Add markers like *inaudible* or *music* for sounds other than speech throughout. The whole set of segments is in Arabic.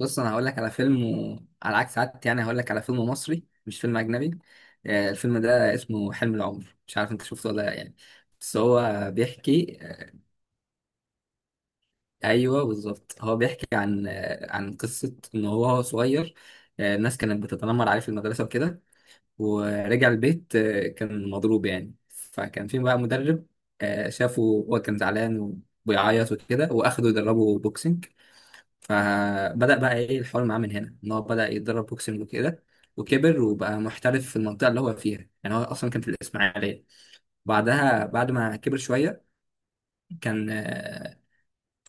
بص، انا هقول لك على فيلم على عكس عادتي، يعني هقول لك على فيلم مصري مش فيلم اجنبي. الفيلم ده اسمه حلم العمر، مش عارف انت شفته ولا لا يعني. بس هو بيحكي. ايوه بالظبط، هو بيحكي عن عن قصه ان هو وهو صغير الناس كانت بتتنمر عليه في المدرسه وكده. ورجع البيت كان مضروب يعني، فكان في بقى مدرب شافه، هو كان زعلان وبيعيط وكده، واخده يدربه بوكسنج. فبدأ بقى ايه الحوار معاه من هنا، ان هو بدأ يتدرب بوكسنج وكده، وكبر وبقى محترف في المنطقة اللي هو فيها. يعني هو أصلا كان في الإسماعيلية. بعدها بعد ما كبر شوية كان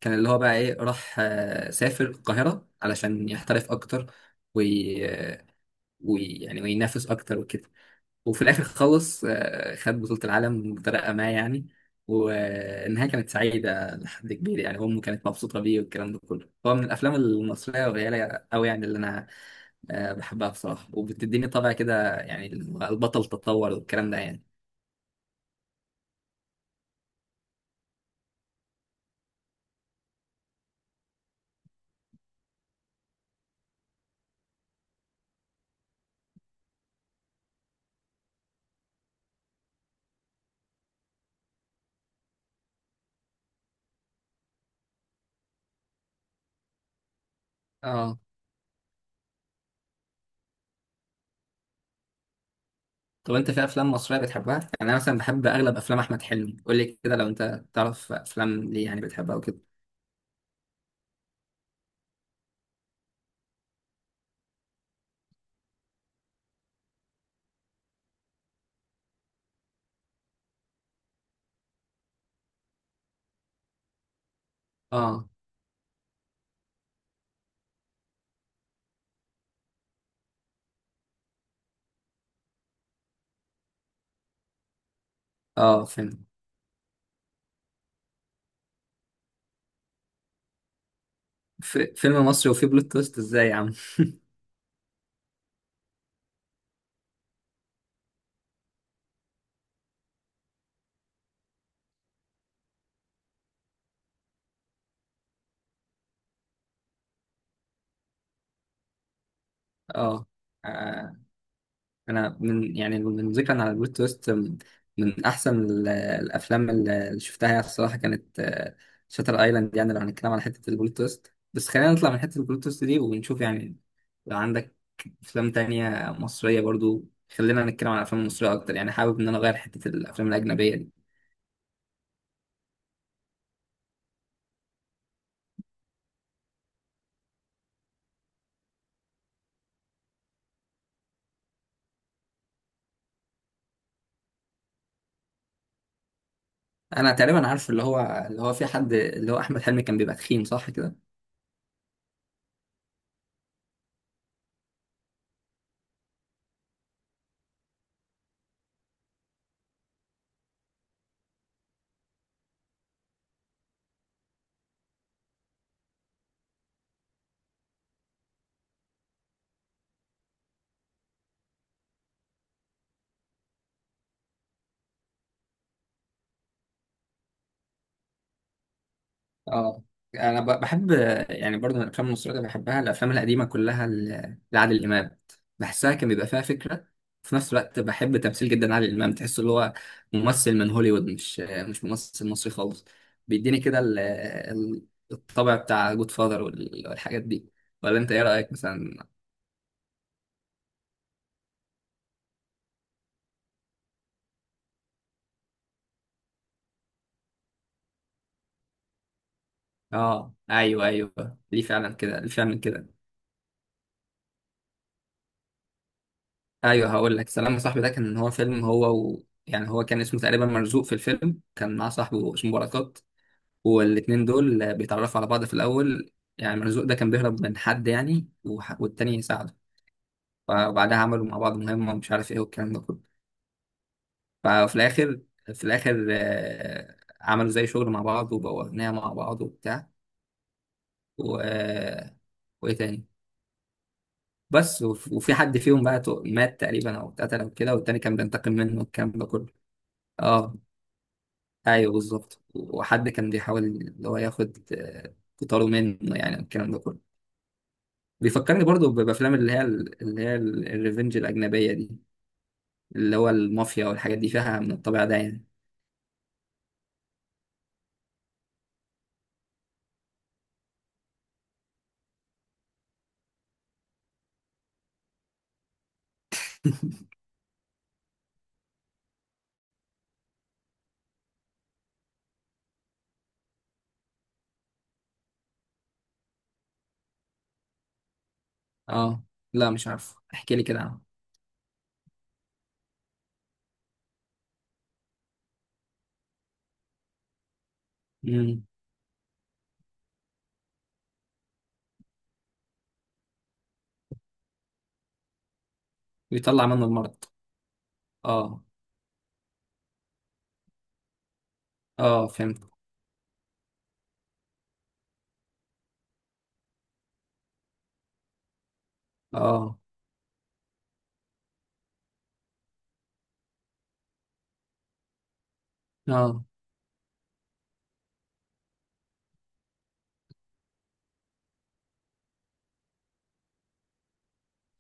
كان اللي هو بقى ايه راح سافر القاهرة علشان يحترف أكتر. وي... آه، يعني وينافس أكتر وكده. وفي الاخر خلص خد بطولة العالم بطريقة ما يعني. والنهاية كانت سعيدة لحد كبير، يعني أمه كانت مبسوطة بيه والكلام ده كله. هو من الأفلام المصرية القليلة أوي يعني، اللي أنا بحبها بصراحة، وبتديني طبع كده، يعني البطل تطور والكلام ده يعني. اه. طب أنت في أفلام مصرية بتحبها؟ يعني أنا مثلا بحب أغلب أفلام أحمد حلمي. قول لي كده، لو أنت تعرف أفلام ليه يعني بتحبها وكده. اه، اه. في فيلم مصري وفيه بلوت تويست إزاي يا عم؟ اه. انا من يعني من ذكرا على بلوت تويست، من احسن الافلام اللي شفتها يعني، الصراحه كانت شاتر ايلاند. يعني لو هنتكلم على حته البلوت تويست. بس خلينا نطلع من حته البلوت تويست دي ونشوف يعني، لو عندك افلام تانية مصريه برضو. خلينا نتكلم عن الافلام المصريه اكتر، يعني حابب ان انا اغير حته الافلام الاجنبيه دي. انا تقريبا عارف اللي هو في حد اللي هو احمد حلمي كان بيبقى تخين، صح كده؟ اه. انا بحب، يعني برضه من الافلام المصريه اللي بحبها الافلام القديمه كلها لعادل امام. بحسها كان بيبقى فيها فكره. في نفس الوقت بحب تمثيل جدا عادل امام، تحس اللي هو ممثل من هوليوود، مش ممثل مصري خالص. بيديني كده الطبع بتاع جود فاذر والحاجات دي. ولا انت ايه رايك مثلا؟ اه، ايوه، ايوه، ليه فعلا كده، ليه فعلا كده. ايوه هقول لك، سلام يا صاحبي ده كان هو فيلم، هو يعني هو كان اسمه تقريبا مرزوق. في الفيلم كان مع صاحبه اسمه بركات، والاتنين دول بيتعرفوا على بعض في الأول. يعني مرزوق ده كان بيهرب من حد يعني، والتاني يساعده. فبعدها عملوا مع بعض مهمة ومش عارف ايه والكلام ده كله. ففي الآخر، في الآخر عملوا زي شغل مع بعض وبقوا أغنياء مع بعض وبتاع و... آه، وإيه تاني. بس وفي حد فيهم بقى مات تقريبا أو اتقتل أو كده، والتاني كان بينتقم منه والكلام ده كله. اه، أيوه بالظبط. وحد كان بيحاول اللي هو ياخد قطاره منه، يعني الكلام ده كله. بيفكرني برضو بافلام اللي هي اللي هي الريفنج الاجنبيه دي، اللي هو المافيا والحاجات دي فيها من الطبيعه ده يعني. اه، لا مش عارف، احكي لي كده عنه. امم بيطلع منه المرض. اه، اه، فهمت. اه، اه،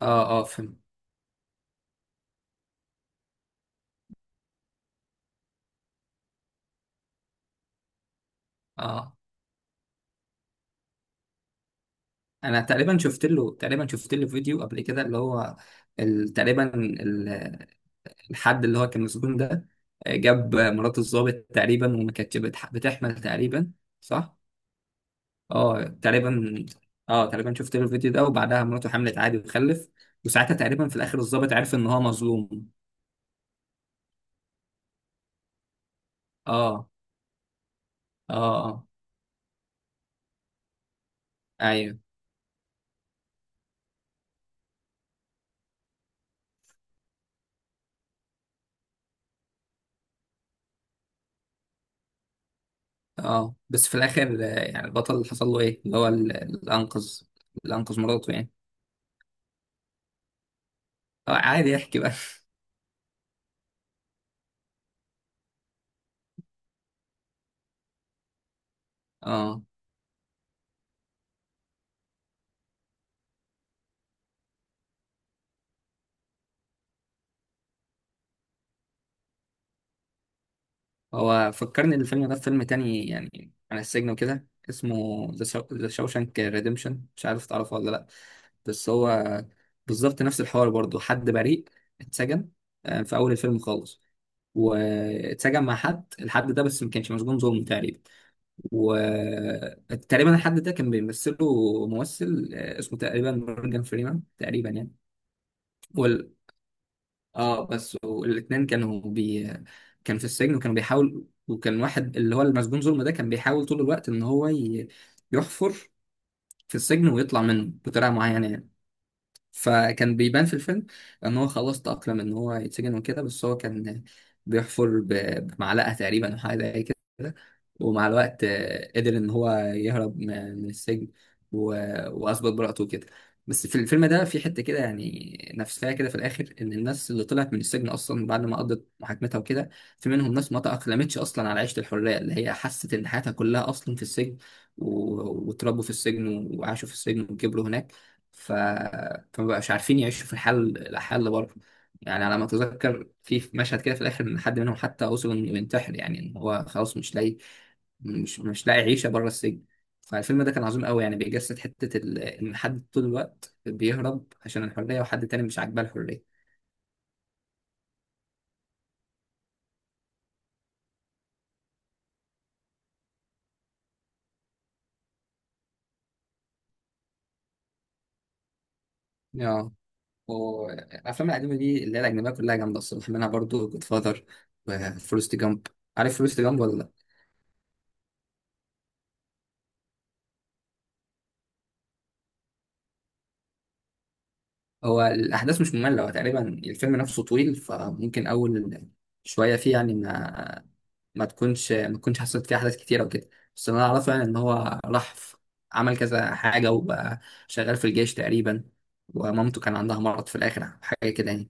اه، اه، فهمت. اه. انا تقريبا شفت له فيديو قبل كده اللي هو تقريبا الحد اللي هو كان مسجون ده جاب مرات الضابط تقريبا، وما كانتش بتحمل تقريبا. صح. اه تقريبا، اه تقريبا شفت له الفيديو ده، وبعدها مراته حملت عادي وخلف، وساعتها تقريبا في الاخر الضابط عرف ان هو مظلوم. اه، اه، اه، ايوه، اه. بس في الاخر يعني البطل اللي حصل له ايه؟ اللي هو اللي انقذ مراته يعني. عادي يحكي بقى *laughs* اه، هو فكرني الفيلم ده فيلم تاني يعني عن السجن وكده، اسمه ذا شاوشانك ريديمشن، مش عارف تعرفه ولا لأ. بس هو بالظبط نفس الحوار برضه. حد بريء اتسجن في أول الفيلم خالص، واتسجن مع حد، الحد ده بس ما كانش مسجون ظلم تقريبا. وتقريبا الحد ده كان بيمثله ممثل اسمه تقريبا مورجان فريمان تقريبا يعني. اه. بس والاثنين كانوا كان في السجن وكانوا بيحاول. وكان واحد اللي هو المسجون ظلم ده كان بيحاول طول الوقت ان هو يحفر في السجن ويطلع منه بطريقه معينه يعني. فكان بيبان في الفيلم ان هو خلاص تأقلم ان هو يتسجن وكده. بس هو كان بيحفر بمعلقة تقريبا او حاجة زي كده. ومع الوقت قدر ان هو يهرب من السجن و- واثبت براءته وكده. بس في الفيلم ده في حتة كده يعني نفسها كده في الاخر، ان الناس اللي طلعت من السجن اصلا بعد ما قضت محاكمتها وكده، في منهم ناس ما تأقلمتش اصلا على عيشة الحرية، اللي هي حست ان حياتها كلها اصلا في السجن، واتربوا في السجن وعاشوا في السجن وكبروا هناك. ف... فمبقاش عارفين يعيشوا في الحال اللي بره. يعني على ما اتذكر في مشهد كده في الاخر، ان حد منهم حتى وصل انه ينتحر، يعني ان هو خلاص مش لاقي عيشه بره السجن. فالفيلم ده كان عظيم قوي يعني، بيجسد حته ان حد طول الوقت بيهرب عشان الحريه، وحد تاني مش عاجباه الحريه. اه. والافلام القديمه دي اللي هي الاجنبيه كلها جامده الصراحه، منها برضو جود فاذر وفورست جامب. عارف فورست جامب ولا لأ؟ هو الأحداث مش مملة، هو تقريبا الفيلم نفسه طويل، فممكن أول شوية فيه يعني ما تكونش حصلت فيه أحداث كتيرة وكده. بس اللي أنا أعرفه يعني إن هو راح عمل كذا حاجة وبقى شغال في الجيش تقريبا، ومامته كان عندها مرض في الآخر حاجة كده يعني.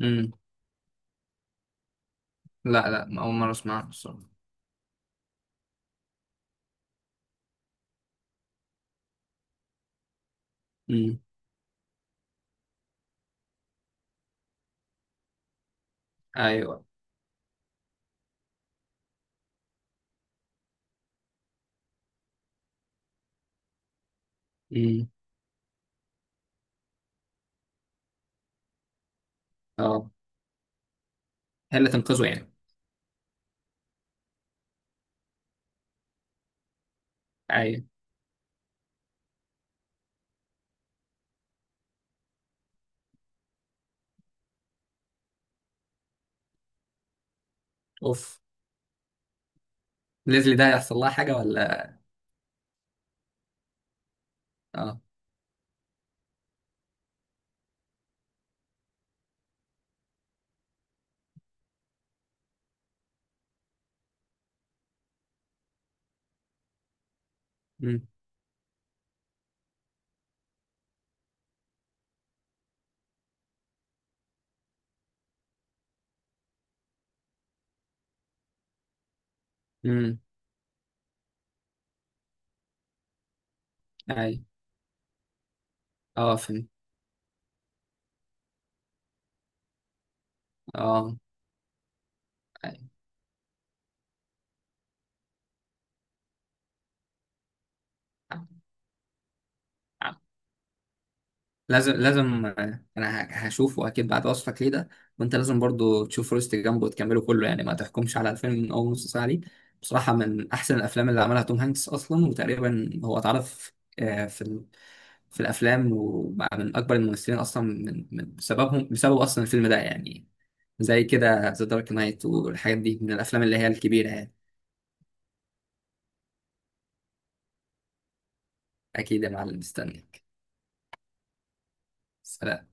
امم لا، لا، أول مرة أسمعها بصراحة. امم. أيوه. امم. أه. هي اللي تنقذه يعني؟ أيوه. أوف. ليزلي ده هيحصل لها حاجة ولا؟ أه. امم. امم. أيوه. أه، فهمت. أه. أيوة. لازم، لازم انا هشوفه اكيد بعد وصفك ليه ده. وانت لازم برضو تشوف فورست جامب وتكمله كله، يعني ما تحكمش على الفيلم من اول نص ساعه ليه. بصراحه من احسن الافلام اللي عملها توم هانكس اصلا، وتقريبا هو اتعرف في في الافلام وبقى من اكبر الممثلين اصلا، من بسببهم، بسبب اصلا الفيلم ده يعني. زي كده ذا دارك نايت والحاجات دي، من الافلام اللي هي الكبيره يعني. اكيد يا معلم، مستنيك. سلام.